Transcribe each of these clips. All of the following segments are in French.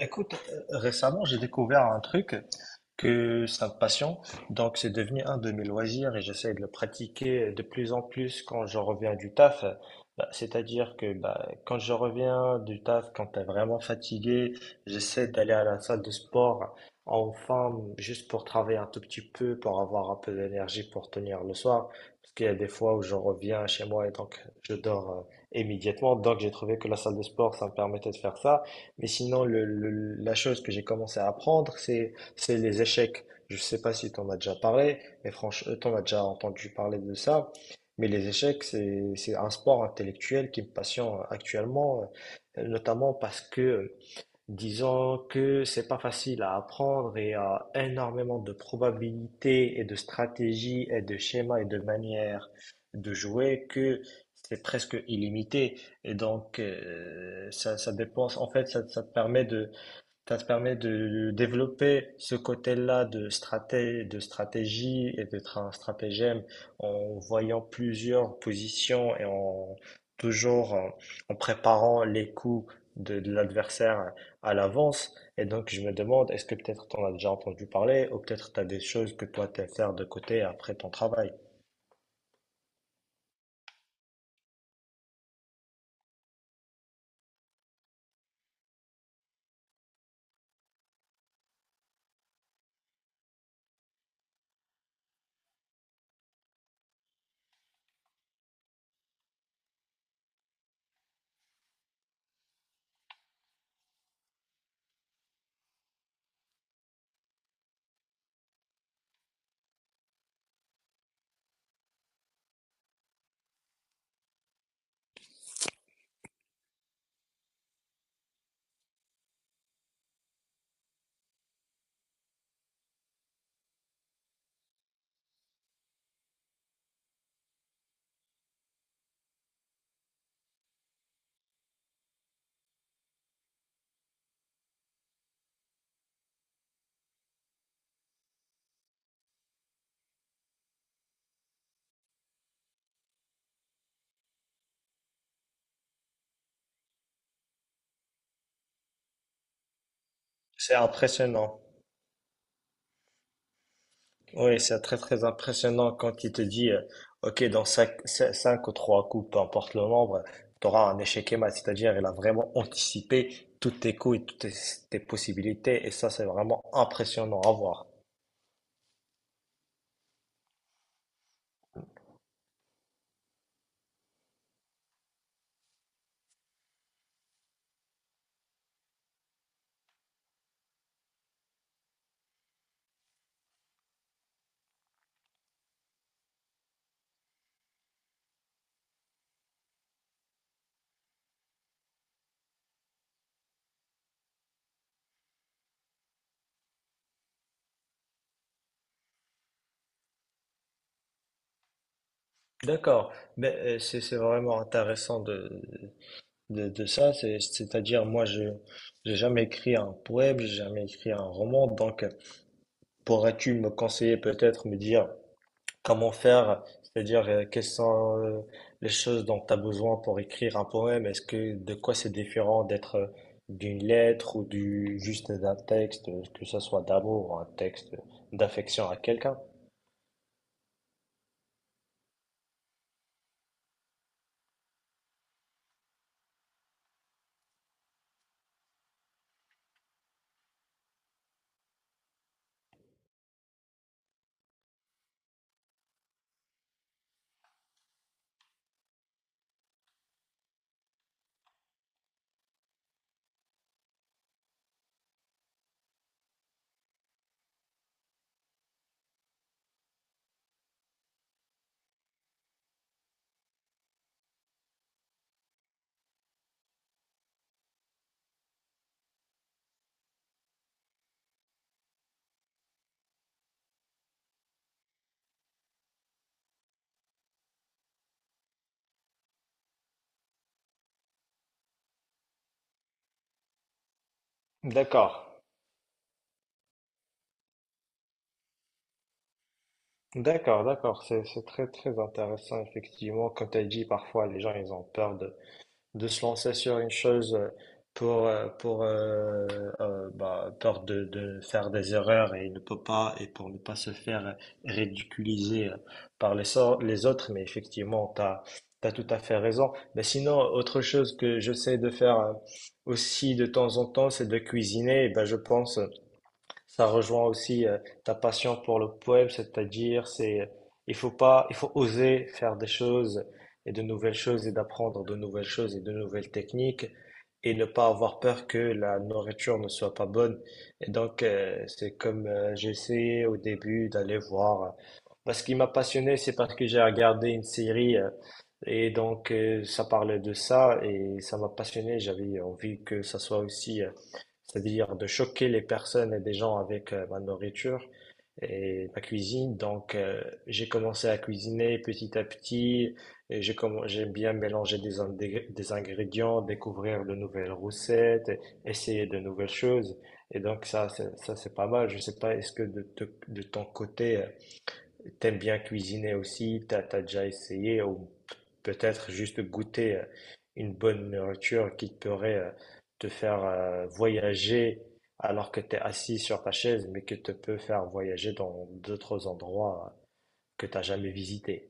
Écoute, récemment, j'ai découvert un truc que ça me passionne. Donc, c'est devenu un de mes loisirs et j'essaie de le pratiquer de plus en plus quand je reviens du taf. Bah, c'est-à-dire que bah, quand je reviens du taf, quand t'es vraiment fatigué, j'essaie d'aller à la salle de sport enfin, juste pour travailler un tout petit peu, pour avoir un peu d'énergie pour tenir le soir. Parce qu'il y a des fois où je reviens chez moi et donc je dors immédiatement. Donc, j'ai trouvé que la salle de sport, ça me permettait de faire ça. Mais sinon, la chose que j'ai commencé à apprendre, c'est les échecs. Je ne sais pas si tu en as déjà parlé, mais franchement, tu en as déjà entendu parler de ça. Mais les échecs, c'est un sport intellectuel qui me passionne actuellement, notamment parce que disons que c'est pas facile à apprendre et à énormément de probabilités et de stratégies et de schémas et de manières de jouer que c'est presque illimité. Et donc, ça dépense, en fait, ça te permet ça te permet de développer ce côté-là de de stratégie et de stratagème en voyant plusieurs positions et toujours en, en préparant les coups de l'adversaire à l'avance. Et donc, je me demande, est-ce que peut-être tu en as déjà entendu parler ou peut-être tu as des choses que toi, tu faire de côté après ton travail. C'est impressionnant. Oui, c'est très très impressionnant quand il te dit, ok, dans cinq ou 3 coups, peu importe le nombre, tu auras un échec et mat, c'est-à-dire il a vraiment anticipé tous tes coups et tes possibilités, et ça c'est vraiment impressionnant à voir. D'accord, mais c'est vraiment intéressant de ça, c'est-à-dire moi je j'ai jamais écrit un poème, j'ai jamais écrit un roman, donc pourrais-tu me conseiller peut-être, me dire comment faire, c'est-à-dire quelles sont les choses dont tu as besoin pour écrire un poème? Est-ce que de quoi c'est différent d'être d'une lettre ou du juste d'un texte, que ce soit d'amour ou un texte d'affection à quelqu'un? D'accord, d'accord, d'accord. C'est très, très intéressant, effectivement. Comme tu as dit, parfois, les gens, ils ont peur de se lancer sur une chose pour bah, peur de faire des erreurs et ne peut pas, et pour ne pas se faire ridiculiser par les autres, mais effectivement, tout à fait raison. Mais sinon, autre chose que j'essaie de faire aussi de temps en temps, c'est de cuisiner. Et ben, je pense ça rejoint aussi ta passion pour le poème, c'est-à-dire c'est il faut pas il faut oser faire des choses et de nouvelles choses et d'apprendre de nouvelles choses et de nouvelles techniques et ne pas avoir peur que la nourriture ne soit pas bonne. Et donc c'est comme j'ai essayé au début d'aller voir parce qu'il m'a passionné, c'est parce que j'ai regardé une série et donc ça parlait de ça et ça m'a passionné, j'avais envie que ça soit aussi c'est-à-dire de choquer les personnes et des gens avec ma nourriture et ma cuisine. Donc, j'ai commencé à cuisiner petit à petit. Et j'aime bien mélangé des ingrédients, découvrir de nouvelles recettes, essayer de nouvelles choses. Et donc, ça, c'est pas mal. Je sais pas, est-ce que de ton côté, t'aimes bien cuisiner aussi, t'as déjà essayé ou peut-être juste goûter une bonne nourriture qui pourrait te faire voyager alors que t'es assis sur ta chaise, mais que te peut faire voyager dans d'autres endroits que t'as jamais visités.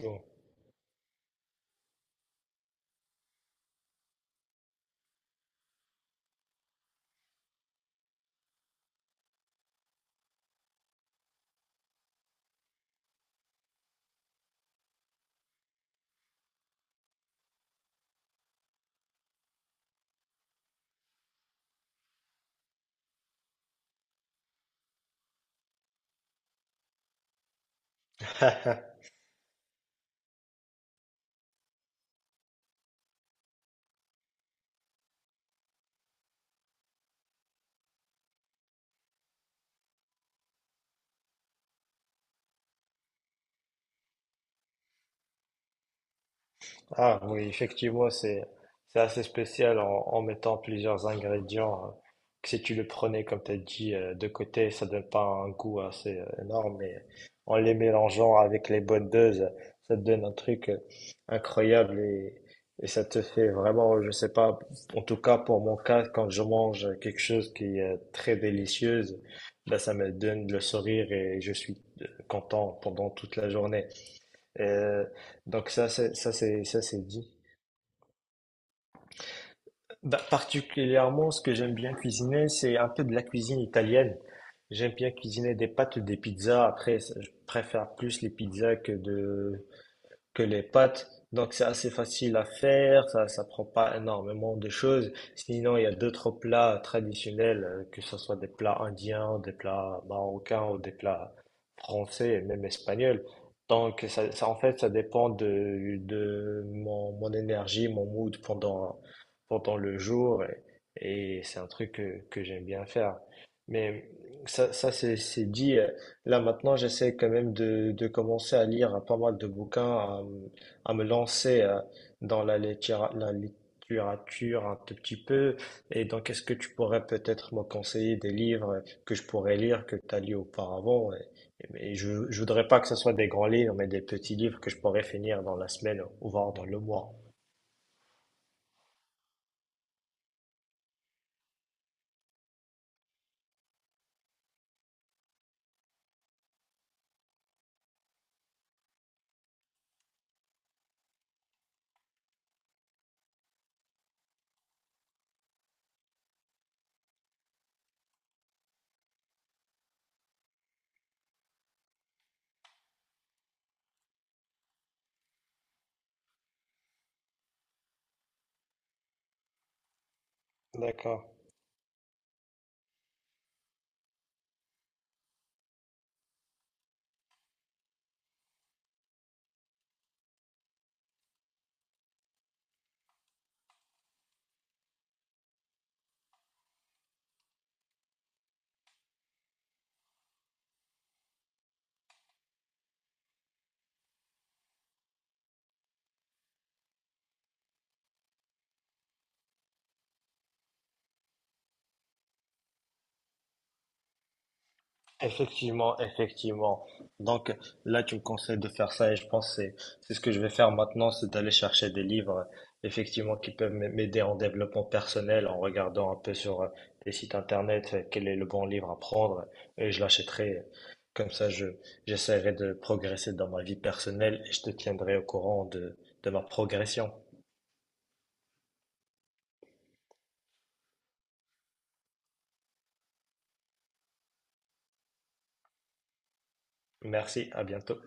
Bon. Ah oui, effectivement, c'est assez spécial en mettant plusieurs ingrédients. Que si tu le prenais, comme tu as dit, de côté, ça donne pas un goût assez énorme, mais en les mélangeant avec les bonnes doses, ça te donne un truc incroyable et ça te fait vraiment, je sais pas, en tout cas pour mon cas, quand je mange quelque chose qui est très délicieuse, bah, ça me donne le sourire et je suis content pendant toute la journée. Euh, donc ça, c'est dit. Bah, particulièrement, ce que j'aime bien cuisiner, c'est un peu de la cuisine italienne. J'aime bien cuisiner des pâtes, des pizzas. Après, je préfère plus les pizzas que de que les pâtes. Donc c'est assez facile à faire, ça prend pas énormément de choses. Sinon, il y a d'autres plats traditionnels, que ce soit des plats indiens, des plats marocains ou des plats français et même espagnols. Donc ça en fait ça dépend de mon, mon énergie, mon mood pendant le jour et c'est un truc que j'aime bien faire. Mais ça c'est dit là maintenant, j'essaie quand même de commencer à lire pas mal de bouquins, à me lancer dans la littérature un tout petit peu. Et donc, est-ce que tu pourrais peut-être me conseiller des livres que je pourrais lire, que tu as lu auparavant? Et je voudrais pas que ce soit des grands livres, mais des petits livres que je pourrais finir dans la semaine ou voire dans le mois. D'accord. Effectivement, effectivement. Donc là, tu me conseilles de faire ça et je pense que c'est ce que je vais faire maintenant, c'est d'aller chercher des livres effectivement qui peuvent m'aider en développement personnel en regardant un peu sur des sites internet quel est le bon livre à prendre et je l'achèterai. Comme ça, je j'essaierai de progresser dans ma vie personnelle et je te tiendrai au courant de ma progression. Merci, à bientôt.